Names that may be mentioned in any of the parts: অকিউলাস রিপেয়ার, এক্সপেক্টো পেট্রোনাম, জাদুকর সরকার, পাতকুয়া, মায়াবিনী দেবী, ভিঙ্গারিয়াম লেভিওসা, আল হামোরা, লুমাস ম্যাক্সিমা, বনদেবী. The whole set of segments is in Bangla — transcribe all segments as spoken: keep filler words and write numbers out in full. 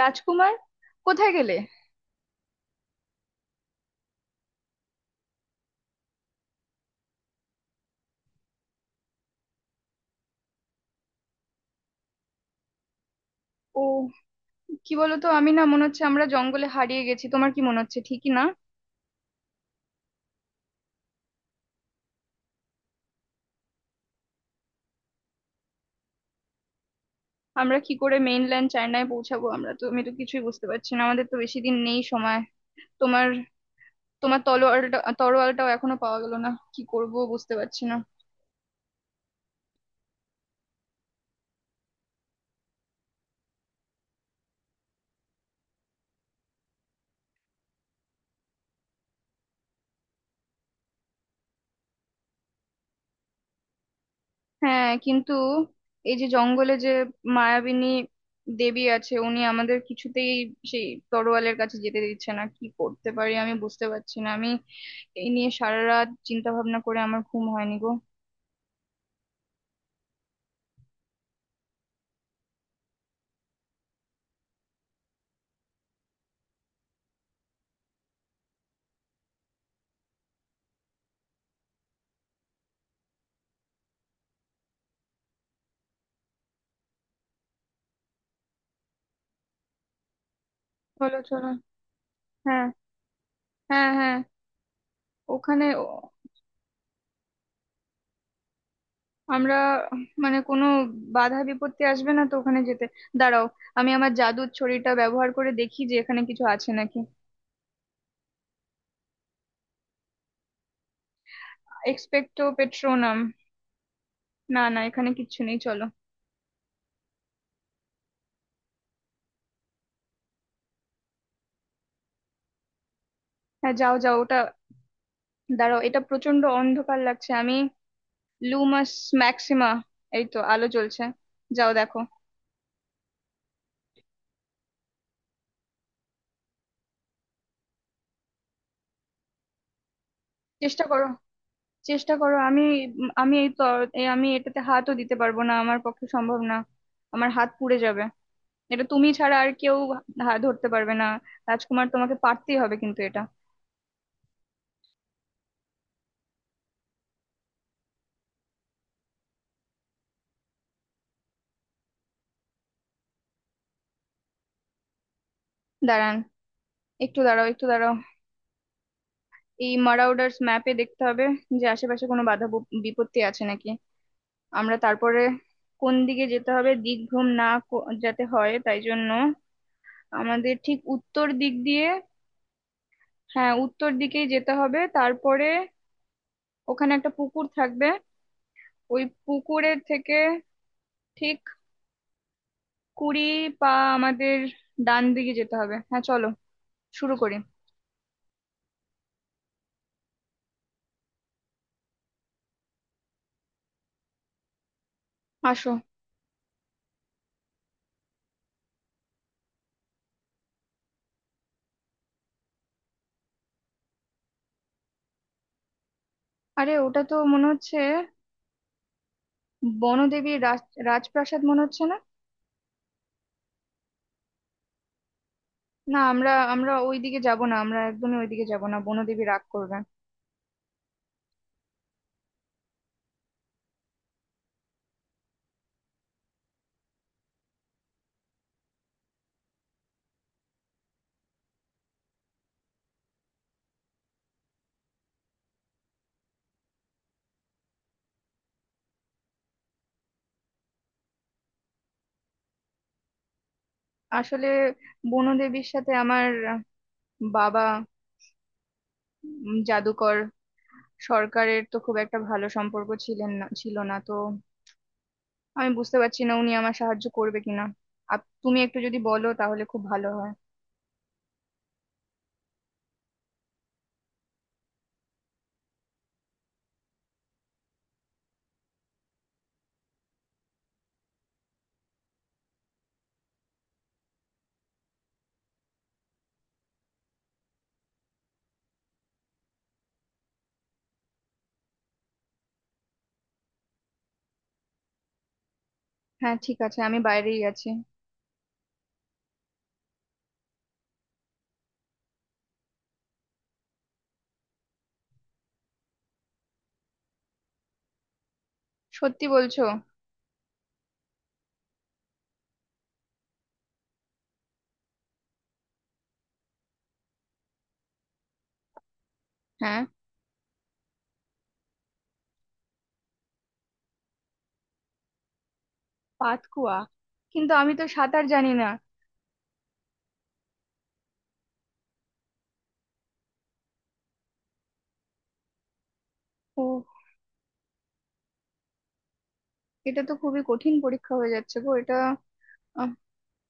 রাজকুমার, কোথায় গেলে? ও, কি বলতো, আমি না মনে হচ্ছে আমরা জঙ্গলে হারিয়ে গেছি। তোমার কি মনে হচ্ছে, ঠিকই না? আমরা কি করে মেইনল্যান্ড চায়নায় পৌঁছাবো? আমরা তো, আমি তো কিছুই বুঝতে পারছি না। আমাদের তো বেশি দিন নেই সময়। তোমার তোমার তলোয়ারটা, তরোয়ালটাও এখনো পাওয়া গেল না। কি করব বুঝতে পারছি না। হ্যাঁ, কিন্তু এই যে জঙ্গলে যে মায়াবিনী দেবী আছে, উনি আমাদের কিছুতেই সেই তরোয়ালের কাছে যেতে দিচ্ছে না। কি করতে পারি আমি বুঝতে পারছি না। আমি এই নিয়ে সারা রাত চিন্তা ভাবনা করে আমার ঘুম হয়নি গো। চলো চলো। হ্যাঁ হ্যাঁ হ্যাঁ। ওখানে ও- আমরা মানে কোনো বাধা বিপত্তি আসবে না তো ওখানে যেতে? দাঁড়াও, আমি আমার জাদুর ছড়িটা ব্যবহার করে দেখি যে এখানে কিছু আছে নাকি। এক্সপেক্টো পেট্রোনাম। না না, এখানে কিচ্ছু নেই, চলো। হ্যাঁ, যাও যাও ওটা। দাঁড়াও, এটা প্রচন্ড অন্ধকার লাগছে। আমি লুমাস ম্যাক্সিমা। এই তো আলো জ্বলছে, যাও দেখো। চেষ্টা করো, চেষ্টা করো। আমি উম, আমি এই তো এই আমি এটাতে হাতও দিতে পারবো না, আমার পক্ষে সম্ভব না। আমার হাত পুড়ে যাবে। এটা তুমি ছাড়া আর কেউ হা- ধরতে পারবে না। রাজকুমার, তোমাকে পারতেই হবে কিন্তু এটা। দাঁড়ান, একটু দাঁড়াও, একটু দাঁড়াও। এই মারাউডার্স ম্যাপে দেখতে হবে যে আশেপাশে কোনো বাধা বিপ- বিপত্তি আছে নাকি, আমরা তারপরে কোন দিকে যেতে হবে। দিকভ্রম না ক- যাতে হয় তাই জন্য আমাদের ঠিক উত্তর দিক দিয়ে, হ্যাঁ উত্তর দিকেই যেতে হবে। তারপরে ওখানে একটা পুকুর থাকবে, ওই পুকুরের থেকে ঠিক কুড়ি পা আমাদের ডান দিকে যেতে হবে। হ্যাঁ চলো, শুরু করি। আসো। আরে ওটা তো মনে হচ্ছে বনদেবীর রাজ, রাজপ্রাসাদ মনে হচ্ছে না? না, আমরা, আমরা ওই দিকে যাব না। আমরা একদমই ওইদিকে যাব না, বনদেবী রাগ করবে। আসলে বনদেবীর সাথে আমার বাবা, উম, জাদুকর সরকারের তো খুব একটা ভালো সম্পর্ক ছিলেন না, ছিল না তো। আমি বুঝতে পারছি না উনি আমার সাহায্য করবে কিনা। আপ, তুমি একটু যদি বলো তাহলে খুব ভালো হয়। হ্যাঁ ঠিক আছে, আমি বাইরেই আছি। সত্যি বলছো? হ্যাঁ। পাতকুয়া? কিন্তু আমি তো সাঁতার জানি না। ও। এটা তো খুবই কঠিন পরীক্ষা হয়ে যাচ্ছে গো এটা। আহ,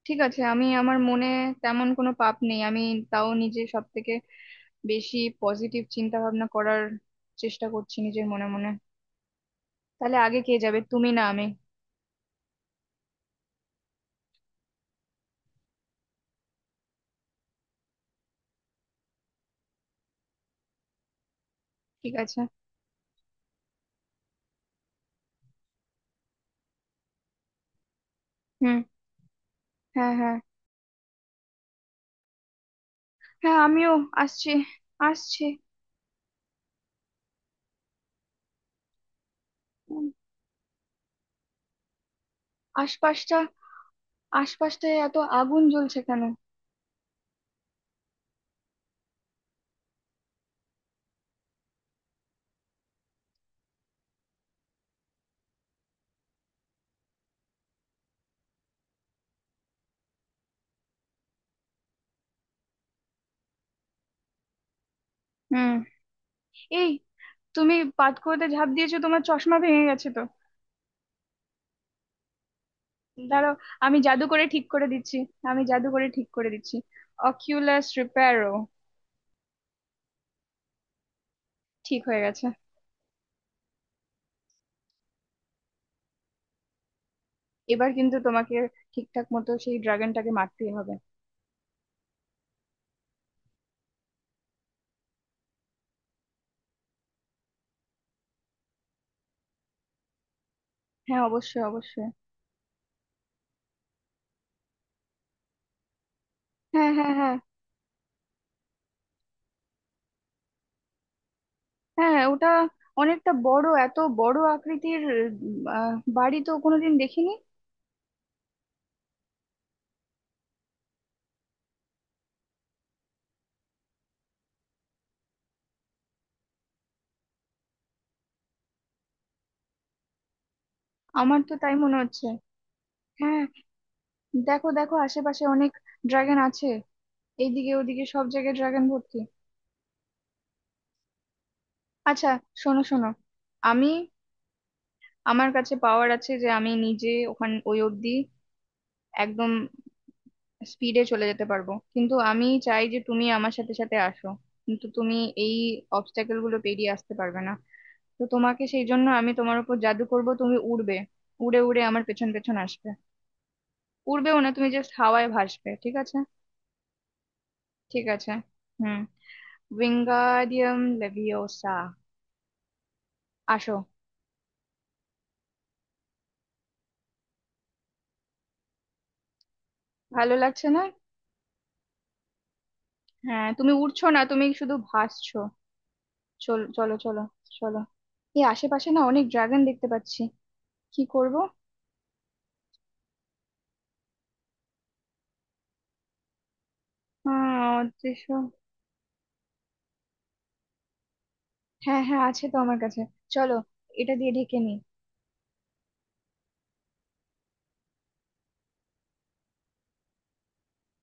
ঠিক আছে, আমি, আমার মনে তেমন কোনো পাপ নেই। আমি তাও নিজে সব থেকে বেশি পজিটিভ চিন্তা ভাবনা করার চেষ্টা করছি নিজের মনে মনে। তাহলে আগে কে যাবে, তুমি না আমি? ঠিক আছে। হুম। হ্যাঁ হ্যাঁ হ্যাঁ, আমিও আসছি, আসছি। হুম, আশপাশটা, আশপাশটায় এত আগুন জ্বলছে কেন? হুম। এই, তুমি পাতকুয়োতে ঝাঁপ দিয়েছো, তোমার চশমা ভেঙে গেছে তো। দাঁড়াও, আমি জাদু করে ঠিক করে দিচ্ছি। আমি জাদু করে ঠিক করে দিচ্ছি। অকিউলাস রিপেয়ারও। ঠিক হয়ে গেছে। এবার কিন্তু তোমাকে ঠিকঠাক মতো সেই ড্রাগনটাকে মারতেই হবে। হ্যাঁ অবশ্যই, অবশ্যই। হ্যাঁ হ্যাঁ হ্যাঁ। হ্যাঁ, ওটা অনেকটা বড়, এত বড় আকৃতির উম, আহ, বাড়ি তো কোনোদিন দেখিনি। আমার তো তাই মনে হচ্ছে। হ্যাঁ, দেখো দেখো আশেপাশে অনেক ড্রাগন আছে। এইদিকে ওদিকে সব জায়গায় ড্রাগন ভর্তি। আচ্ছা, শোনো শোনো। আমি, আমার কাছে পাওয়ার আছে যে আমি নিজে ওখান, ওই অবধি একদম স্পিডে চলে যেতে পারবো, কিন্তু আমি চাই যে তুমি আমার সাথে সাথে আসো। কিন্তু তুমি এই অবস্ট্যাকেল গুলো পেরিয়ে আসতে পারবে না। তো তোমাকে সেই জন্য আমি তোমার উপর জাদু করব, তুমি উড়বে। উড়ে উড়ে আমার পেছন পেছন আসবে। উড়বেও না, তুমি জাস্ট হাওয়ায় ভাসবে, ঠিক আছে? ঠিক আছে। হুম। ভিঙ্গারিয়াম লেভিওসা। আসো। ভালো লাগছে না? হ্যাঁ, তুমি উড়ছো না, তুমি শুধু ভাসছো। চলো চলো চলো। চলো, এই আশেপাশে না অনেক ড্রাগন দেখতে পাচ্ছি। কি করবো? আহ, দৃশ্য। হ্যাঁ হ্যাঁ, আছে তো আমার কাছে। চলো, এটা দিয়ে ঢেকে নি।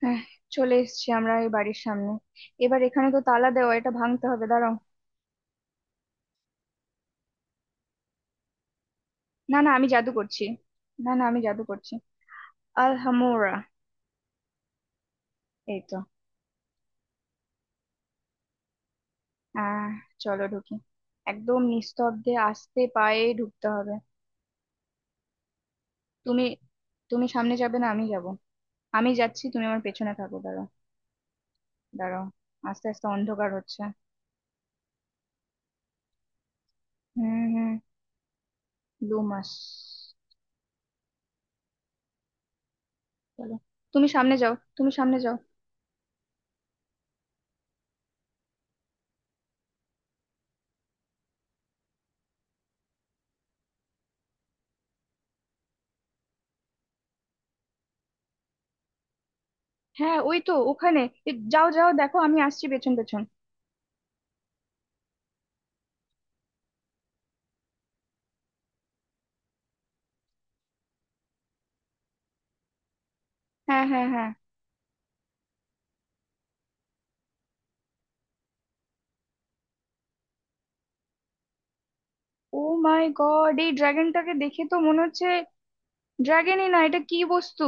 হ্যাঁ, চলে এসেছি আমরা এই বাড়ির সামনে। এবার এখানে তো তালা দেওয়া, এটা ভাঙতে হবে, দাঁড়াও। না না, আমি জাদু করছি। না না, আমি জাদু করছি। আল হামোরা। এই তো। আহ, চলো ঢুকি। একদম নিস্তব্ধে আস্তে পায়ে ঢুকতে হবে। তুমি তুমি সামনে যাবে না, আমি যাব। আমি যাচ্ছি, তুমি আমার পেছনে থাকো, দাঁড়াও। দাঁড়াও, আস্তে আস্তে অন্ধকার হচ্ছে। হুম হুম। দু মাস। চলো, তুমি সামনে যাও, তুমি সামনে যাও। হ্যাঁ, ওই তো ওখানে। এ, যাও যাও দেখো, আমি আসছি পেছন পেছন। হ্যাঁ হ্যাঁ হ্যাঁ। ও মাই গড, এই ড্রাগনটাকে দেখে তো মনে হচ্ছে ড্রাগনই না এটা, কি বস্তু!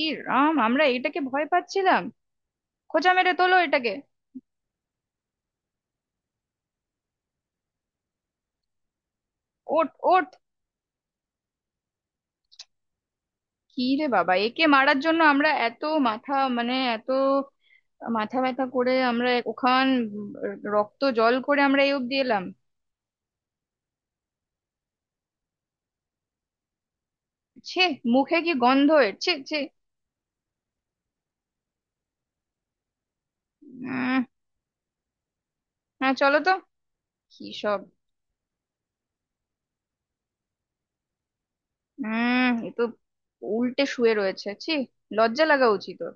ই রাম, আমরা এটাকে ভয় পাচ্ছিলাম! খোঁচা মেরে তোলো এটাকে। ওট ওট। কি রে বাবা, একে মারার জন্য আমরা এত মাথা, মানে এত মাথা ব্যথা করে আমরা ওখান, উম, রক্ত জল করে আমরা এই অব্দি এলাম! ছে, মুখে কি গন্ধ এর, ছে ছে। উম। হ্যাঁ চলো তো। কি সব। উম, এ তো উল্টে শুয়ে রয়েছে, ছি। লজ্জা লাগা উচিত ওর।